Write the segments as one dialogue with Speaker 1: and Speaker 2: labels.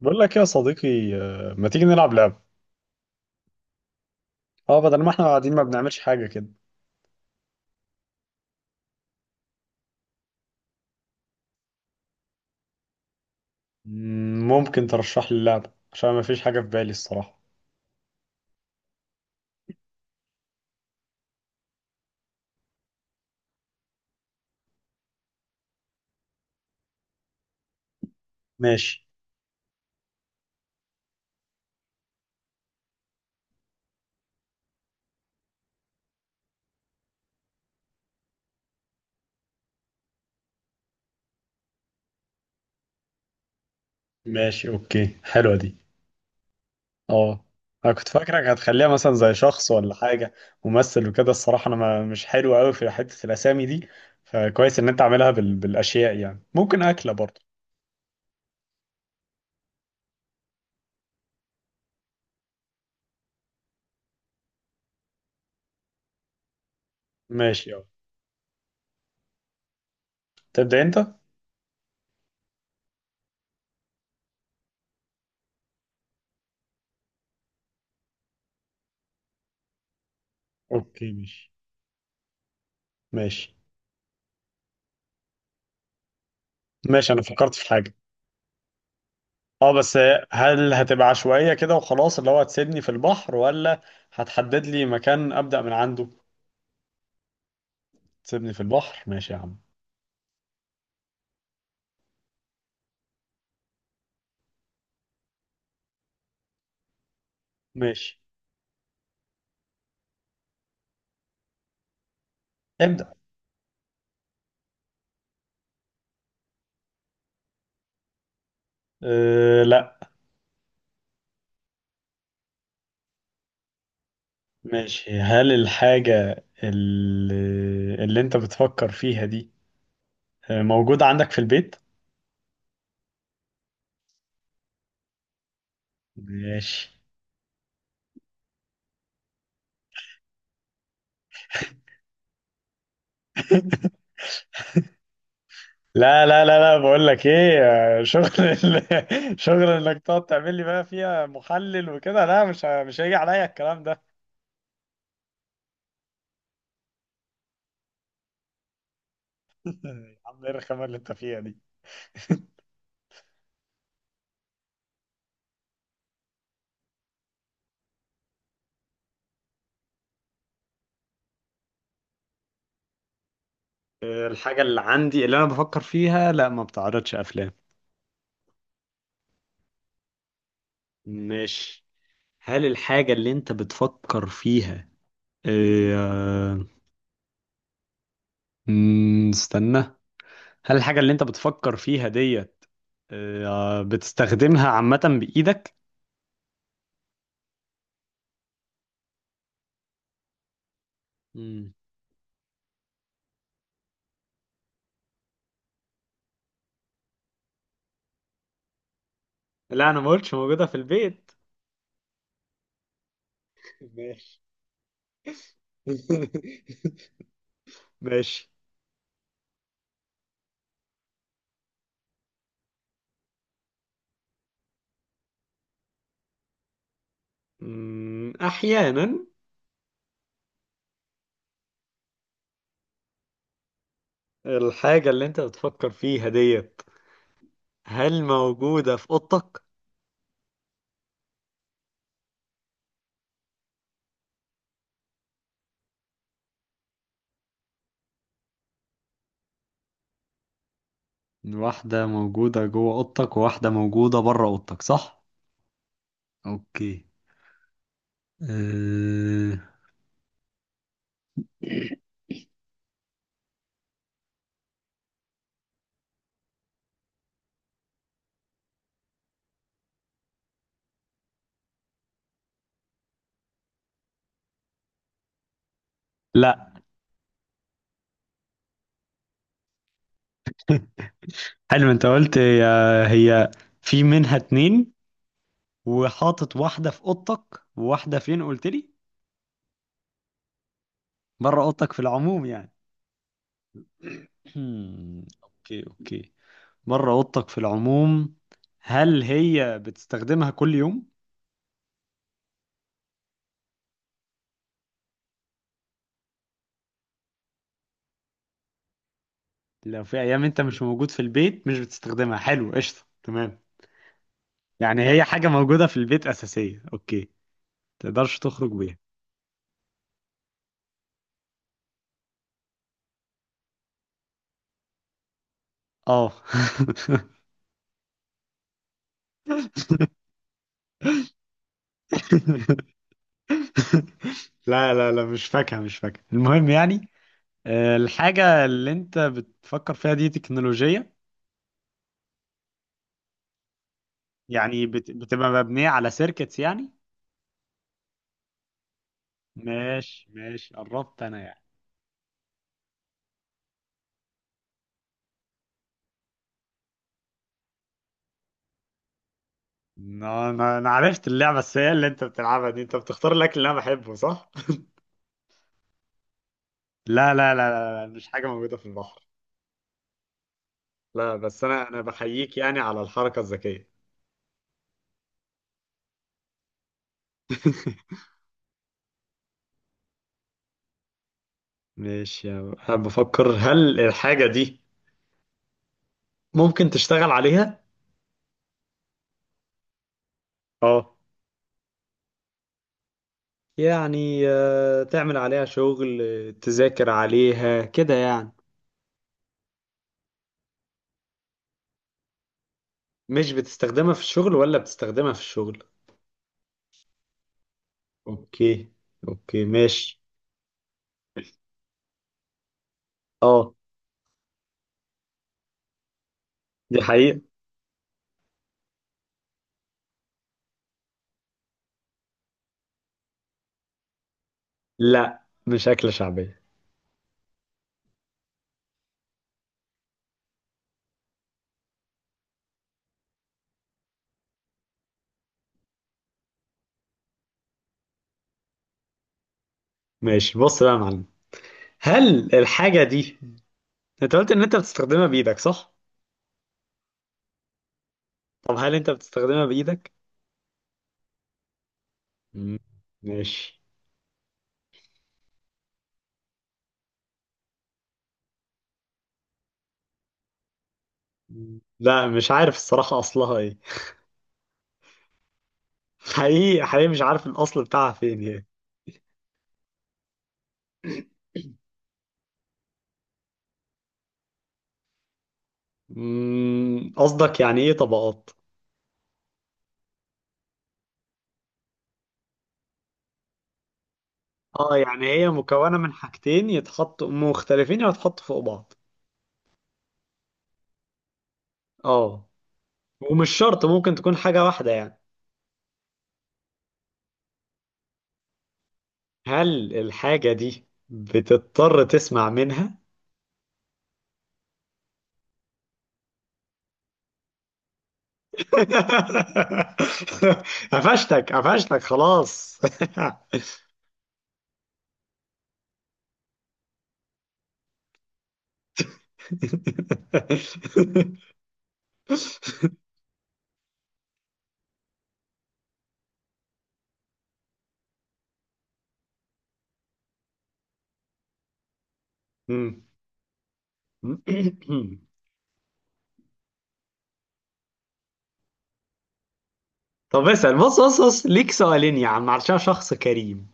Speaker 1: بقول لك يا صديقي آه، ما تيجي نلعب لعبة. اه، بدل ما احنا قاعدين ما بنعملش حاجة كده. ممكن ترشح لي اللعبة عشان ما فيش حاجة في بالي الصراحة. ماشي. ماشي، اوكي، حلوة دي. اه، انا كنت فاكرك هتخليها مثلا زي شخص ولا حاجة، ممثل وكده. الصراحة انا ما مش حلو قوي في حتة الاسامي دي، فكويس ان انت عاملها بالاشياء، يعني ممكن اكلة برضه. ماشي اه. تبدأ انت. اوكي ماشي ماشي. ماشي انا فكرت في حاجة. اه بس، هل هتبقى عشوائية كده وخلاص اللي هو هتسيبني في البحر، ولا هتحدد لي مكان أبدأ من عنده؟ تسيبني في البحر ماشي يا عم. ماشي، ابدأ. أه لا. ماشي، هل الحاجة اللي انت بتفكر فيها دي آه، موجودة عندك في البيت؟ ماشي. لا لا لا لا، بقول لك ايه، آه، شغل شغل انك تقعد تعمل لي بقى فيها محلل وكده، لا مش هيجي عليا الكلام ده. يا عم ايه الرخامة اللي انت فيها دي. الحاجة اللي عندي اللي أنا بفكر فيها لا، ما بتعرضش أفلام. مش هل الحاجة اللي أنت بتفكر فيها آه، استنى، هل الحاجة اللي أنت بتفكر فيها ديت آه، بتستخدمها عامة بإيدك؟ مم. لا أنا ما قلتش موجودة في البيت. ماشي. ماشي. أحيانا. الحاجة اللي أنت بتفكر فيها ديت، هل موجودة في أوضتك؟ واحدة موجودة جوه أوضتك وواحدة موجودة بره أوضتك، صح؟ أوكي. أه... لا. حلو. أنت قلت هي، هي في منها اتنين، وحاطط واحدة في أوضتك وواحدة فين قلت لي؟ بره أوضتك في العموم يعني. أوكي أوكي، بره أوضتك في العموم. هل هي بتستخدمها كل يوم؟ لو في أيام أنت مش موجود في البيت مش بتستخدمها، حلو قشطة تمام. يعني هي حاجة موجودة في البيت أساسية، أوكي، تقدرش تخرج بيها. اه. لا لا لا، مش فاكهة، مش فاكهة. المهم يعني، آه، الحاجة اللي انت بتفكر فيها دي تكنولوجية، يعني بتبقى مبنية على سيركتس يعني. ماشي ماشي، قربت انا يعني. انا انا أنا عرفت اللعبة السيئة اللي انت بتلعبها دي، انت بتختار الاكل اللي انا بحبه صح؟ لا لا لا لا لا، مش حاجة موجودة في البحر. لا بس انا بحييك يعني على الحركة الذكية. ماشي انا بفكر، هل الحاجة دي ممكن تشتغل عليها؟ اه، يعني آه، تعمل عليها شغل، آه، تذاكر عليها كده يعني. مش بتستخدمها في الشغل ولا بتستخدمها في الشغل؟ اوكي. اوكي ماشي. اه. دي حقيقة. لا مش أكلة شعبية. ماشي، بص بقى يا معلم، هل الحاجة دي، انت قلت ان انت بتستخدمها بإيدك صح؟ طب هل انت بتستخدمها بإيدك؟ مم، ماشي. لا مش عارف الصراحة أصلها ايه. حقيقي حقيقي مش عارف الأصل بتاعها فين يعني. قصدك يعني ايه طبقات؟ اه، يعني هي مكونة من حاجتين يتحطوا مختلفين، يتحطوا فوق بعض. اه، ومش شرط، ممكن تكون حاجة واحدة يعني. هل الحاجة دي بتضطر تسمع منها؟ قفشتك قفشتك خلاص. طب اسأل، بص بص بص، ليك سؤالين يا عم علشان شخص كريم.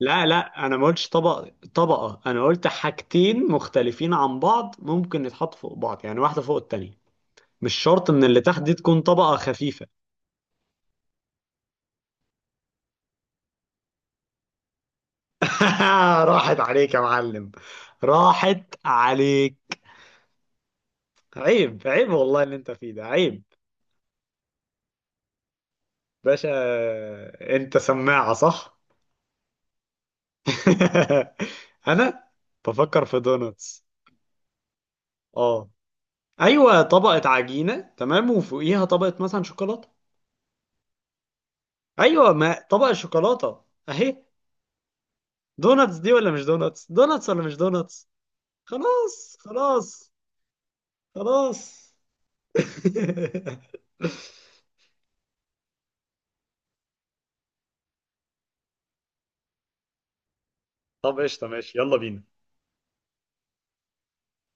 Speaker 1: لا لا، انا ما قلتش طبق، طبقه. انا قلت حاجتين مختلفين عن بعض، ممكن يتحطوا فوق بعض يعني، واحده فوق التانية. مش شرط ان اللي تحت دي تكون طبقه خفيفه. راحت عليك يا معلم، راحت عليك. عيب عيب والله، اللي انت فيه ده عيب. باشا، انت سماعه صح. انا بفكر في دوناتس. اه، ايوه، طبقه عجينه تمام وفوقيها طبقه مثلا شوكولاته. ايوه ما طبقه شوكولاته، اهي. دوناتس دي ولا مش دوناتس؟ دوناتس ولا مش دوناتس؟ خلاص خلاص. خلاص. طب قشطة ماشي، يلا بينا.